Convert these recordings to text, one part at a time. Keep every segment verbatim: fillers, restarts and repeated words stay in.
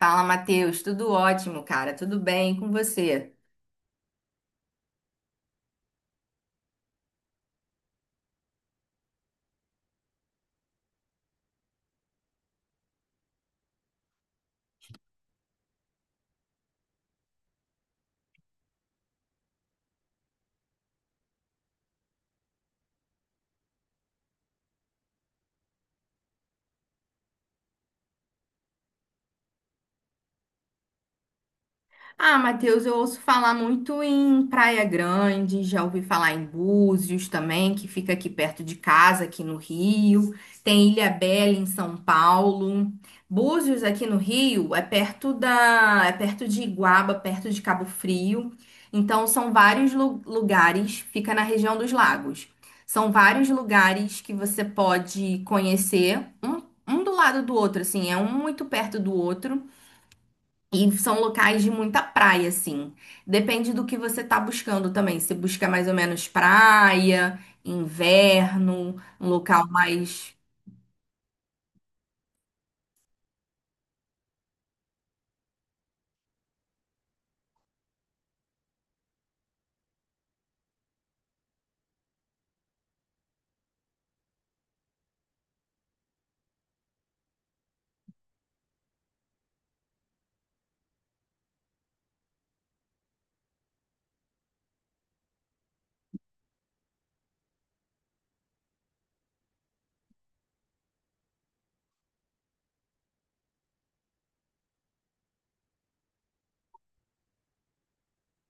Fala, Matheus. Tudo ótimo, cara. Tudo bem, e com você? Ah, Matheus, eu ouço falar muito em Praia Grande, já ouvi falar em Búzios também, que fica aqui perto de casa, aqui no Rio. Tem Ilhabela em São Paulo. Búzios aqui no Rio é perto da, é perto de Iguaba, perto de Cabo Frio. Então são vários lu- lugares, fica na região dos lagos. São vários lugares que você pode conhecer, um, um do lado do outro, assim, é um muito perto do outro. E são locais de muita praia, assim. Depende do que você tá buscando também. Se busca mais ou menos praia, inverno, um local mais.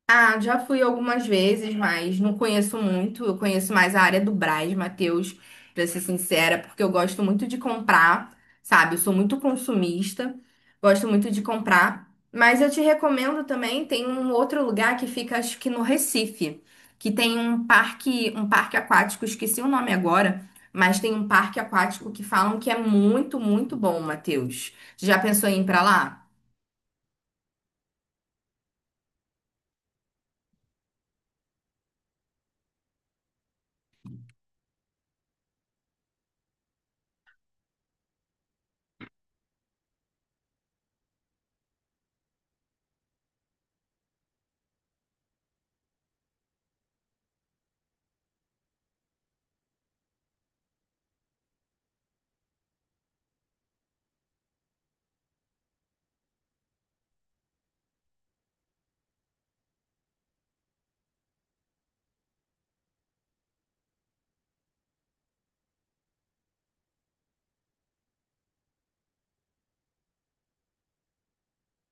Ah, já fui algumas vezes, mas não conheço muito. Eu conheço mais a área do Brás, Matheus, pra ser sincera, porque eu gosto muito de comprar, sabe? Eu sou muito consumista, gosto muito de comprar. Mas eu te recomendo também, tem um outro lugar que fica, acho que no Recife, que tem um parque, um parque aquático, esqueci o nome agora, mas tem um parque aquático que falam que é muito, muito bom, Matheus. Já pensou em ir pra lá?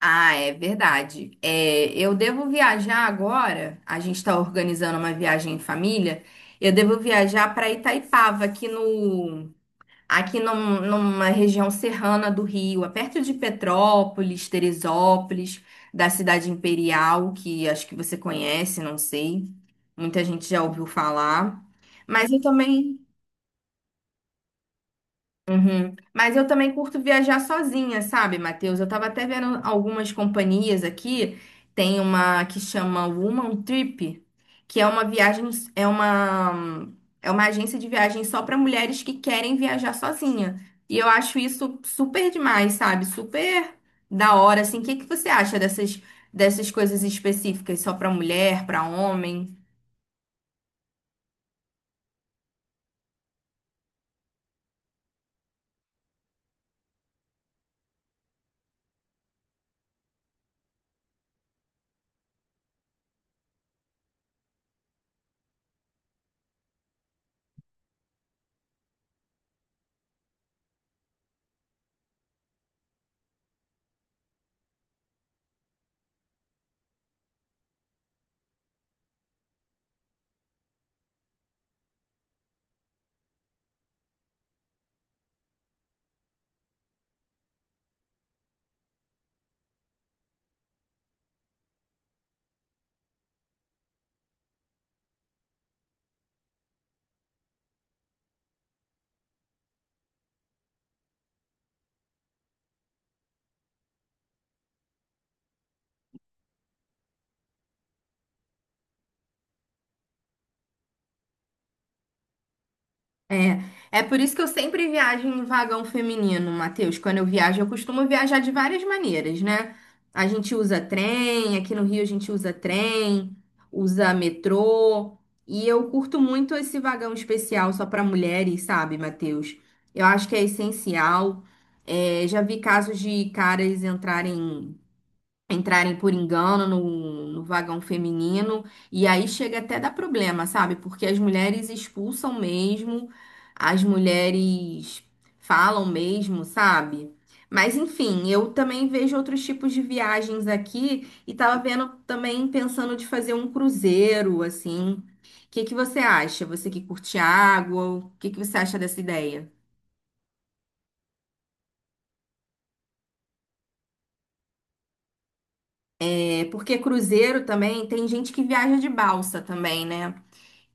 Ah, é verdade. É, eu devo viajar agora. A gente está organizando uma viagem em família. Eu devo viajar para Itaipava, aqui no, aqui num- numa região serrana do Rio, é perto de Petrópolis, Teresópolis, da Cidade Imperial, que acho que você conhece, não sei. Muita gente já ouviu falar. Mas eu também Mas eu também curto viajar sozinha, sabe, Matheus? Eu tava até vendo algumas companhias aqui. Tem uma que chama Woman Trip, que é uma viagem, é uma, é uma agência de viagem só para mulheres que querem viajar sozinha. E eu acho isso super demais, sabe? Super da hora, assim. O que que você acha dessas, dessas coisas específicas só para mulher, para homem? É, é por isso que eu sempre viajo em vagão feminino, Matheus. Quando eu viajo, eu costumo viajar de várias maneiras, né? A gente usa trem, aqui no Rio a gente usa trem, usa metrô, e eu curto muito esse vagão especial só para mulheres, sabe, Matheus? Eu acho que é essencial. É, já vi casos de caras entrarem entrarem por engano no, no vagão feminino, e aí chega até dar problema, sabe? Porque as mulheres expulsam mesmo, as mulheres falam mesmo, sabe? Mas enfim, eu também vejo outros tipos de viagens aqui e tava vendo também pensando de fazer um cruzeiro, assim. O que que você acha? Você que curte água, o que que você acha dessa ideia? É porque cruzeiro também tem gente que viaja de balsa também, né?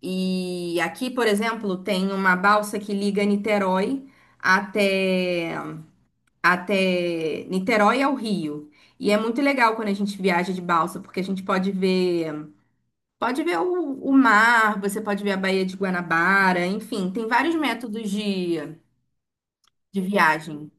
E aqui, por exemplo, tem uma balsa que liga Niterói até, até Niterói ao Rio. E é muito legal quando a gente viaja de balsa, porque a gente pode ver, pode ver o, o mar, você pode ver a Baía de Guanabara, enfim, tem vários métodos de, de viagem.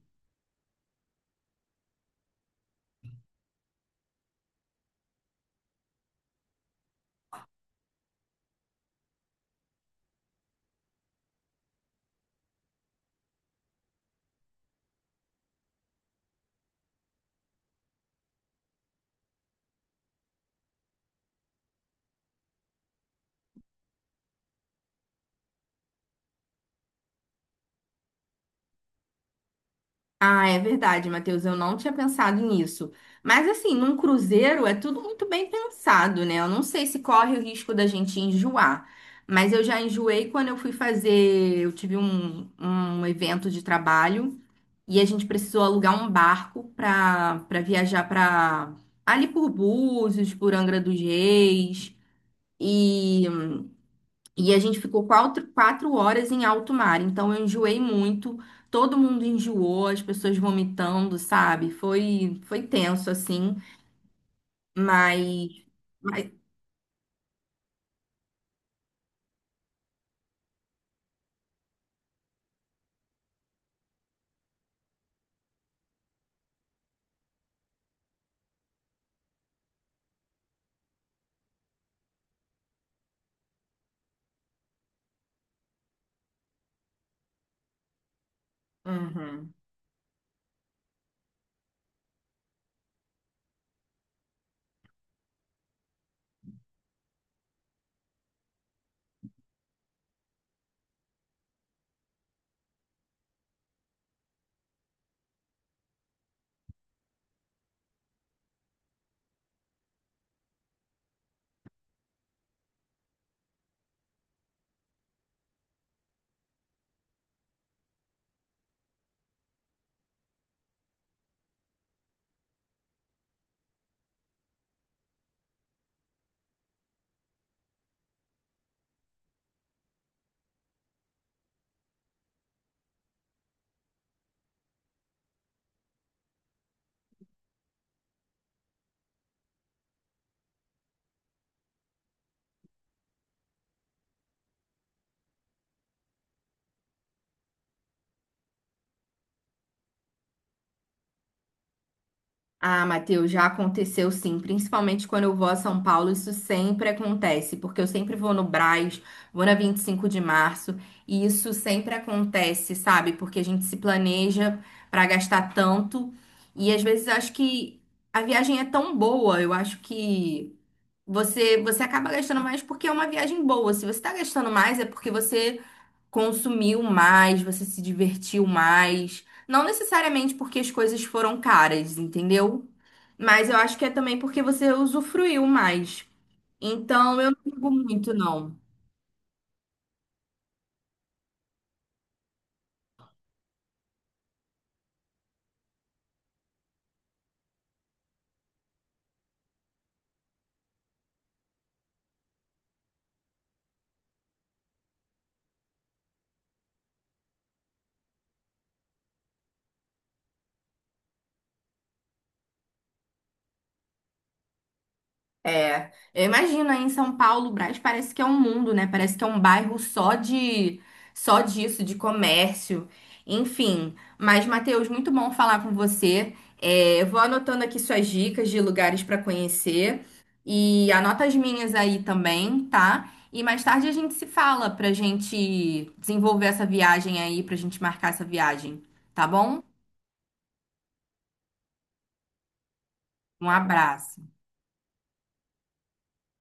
Ah, é verdade, Matheus, eu não tinha pensado nisso. Mas assim, num cruzeiro é tudo muito bem pensado, né? Eu não sei se corre o risco da gente enjoar. Mas eu já enjoei quando eu fui fazer. Eu tive um, um evento de trabalho e a gente precisou alugar um barco para para viajar para ali por Búzios, por Angra dos Reis. E e a gente ficou quatro, quatro horas em alto mar. Então eu enjoei muito, todo mundo enjoou, as pessoas vomitando, sabe? Foi, foi tenso assim, mas, mas, Uhum. Ah, Matheus, já aconteceu sim, principalmente quando eu vou a São Paulo, isso sempre acontece, porque eu sempre vou no Brás, vou na Vinte e Cinco de Março, e isso sempre acontece, sabe? Porque a gente se planeja para gastar tanto, e às vezes eu acho que a viagem é tão boa, eu acho que você você acaba gastando mais porque é uma viagem boa. Se você está gastando mais, é porque você consumiu mais, você se divertiu mais. Não necessariamente porque as coisas foram caras, entendeu? Mas eu acho que é também porque você usufruiu mais. Então eu não digo muito, não. É, eu imagino aí em São Paulo, o Brás parece que é um mundo, né? Parece que é um bairro só de só disso, de comércio. Enfim, mas Matheus, muito bom falar com você. É, eu vou anotando aqui suas dicas de lugares para conhecer e anota as minhas aí também, tá? E mais tarde a gente se fala pra gente desenvolver essa viagem aí, pra gente marcar essa viagem, tá bom? Um abraço.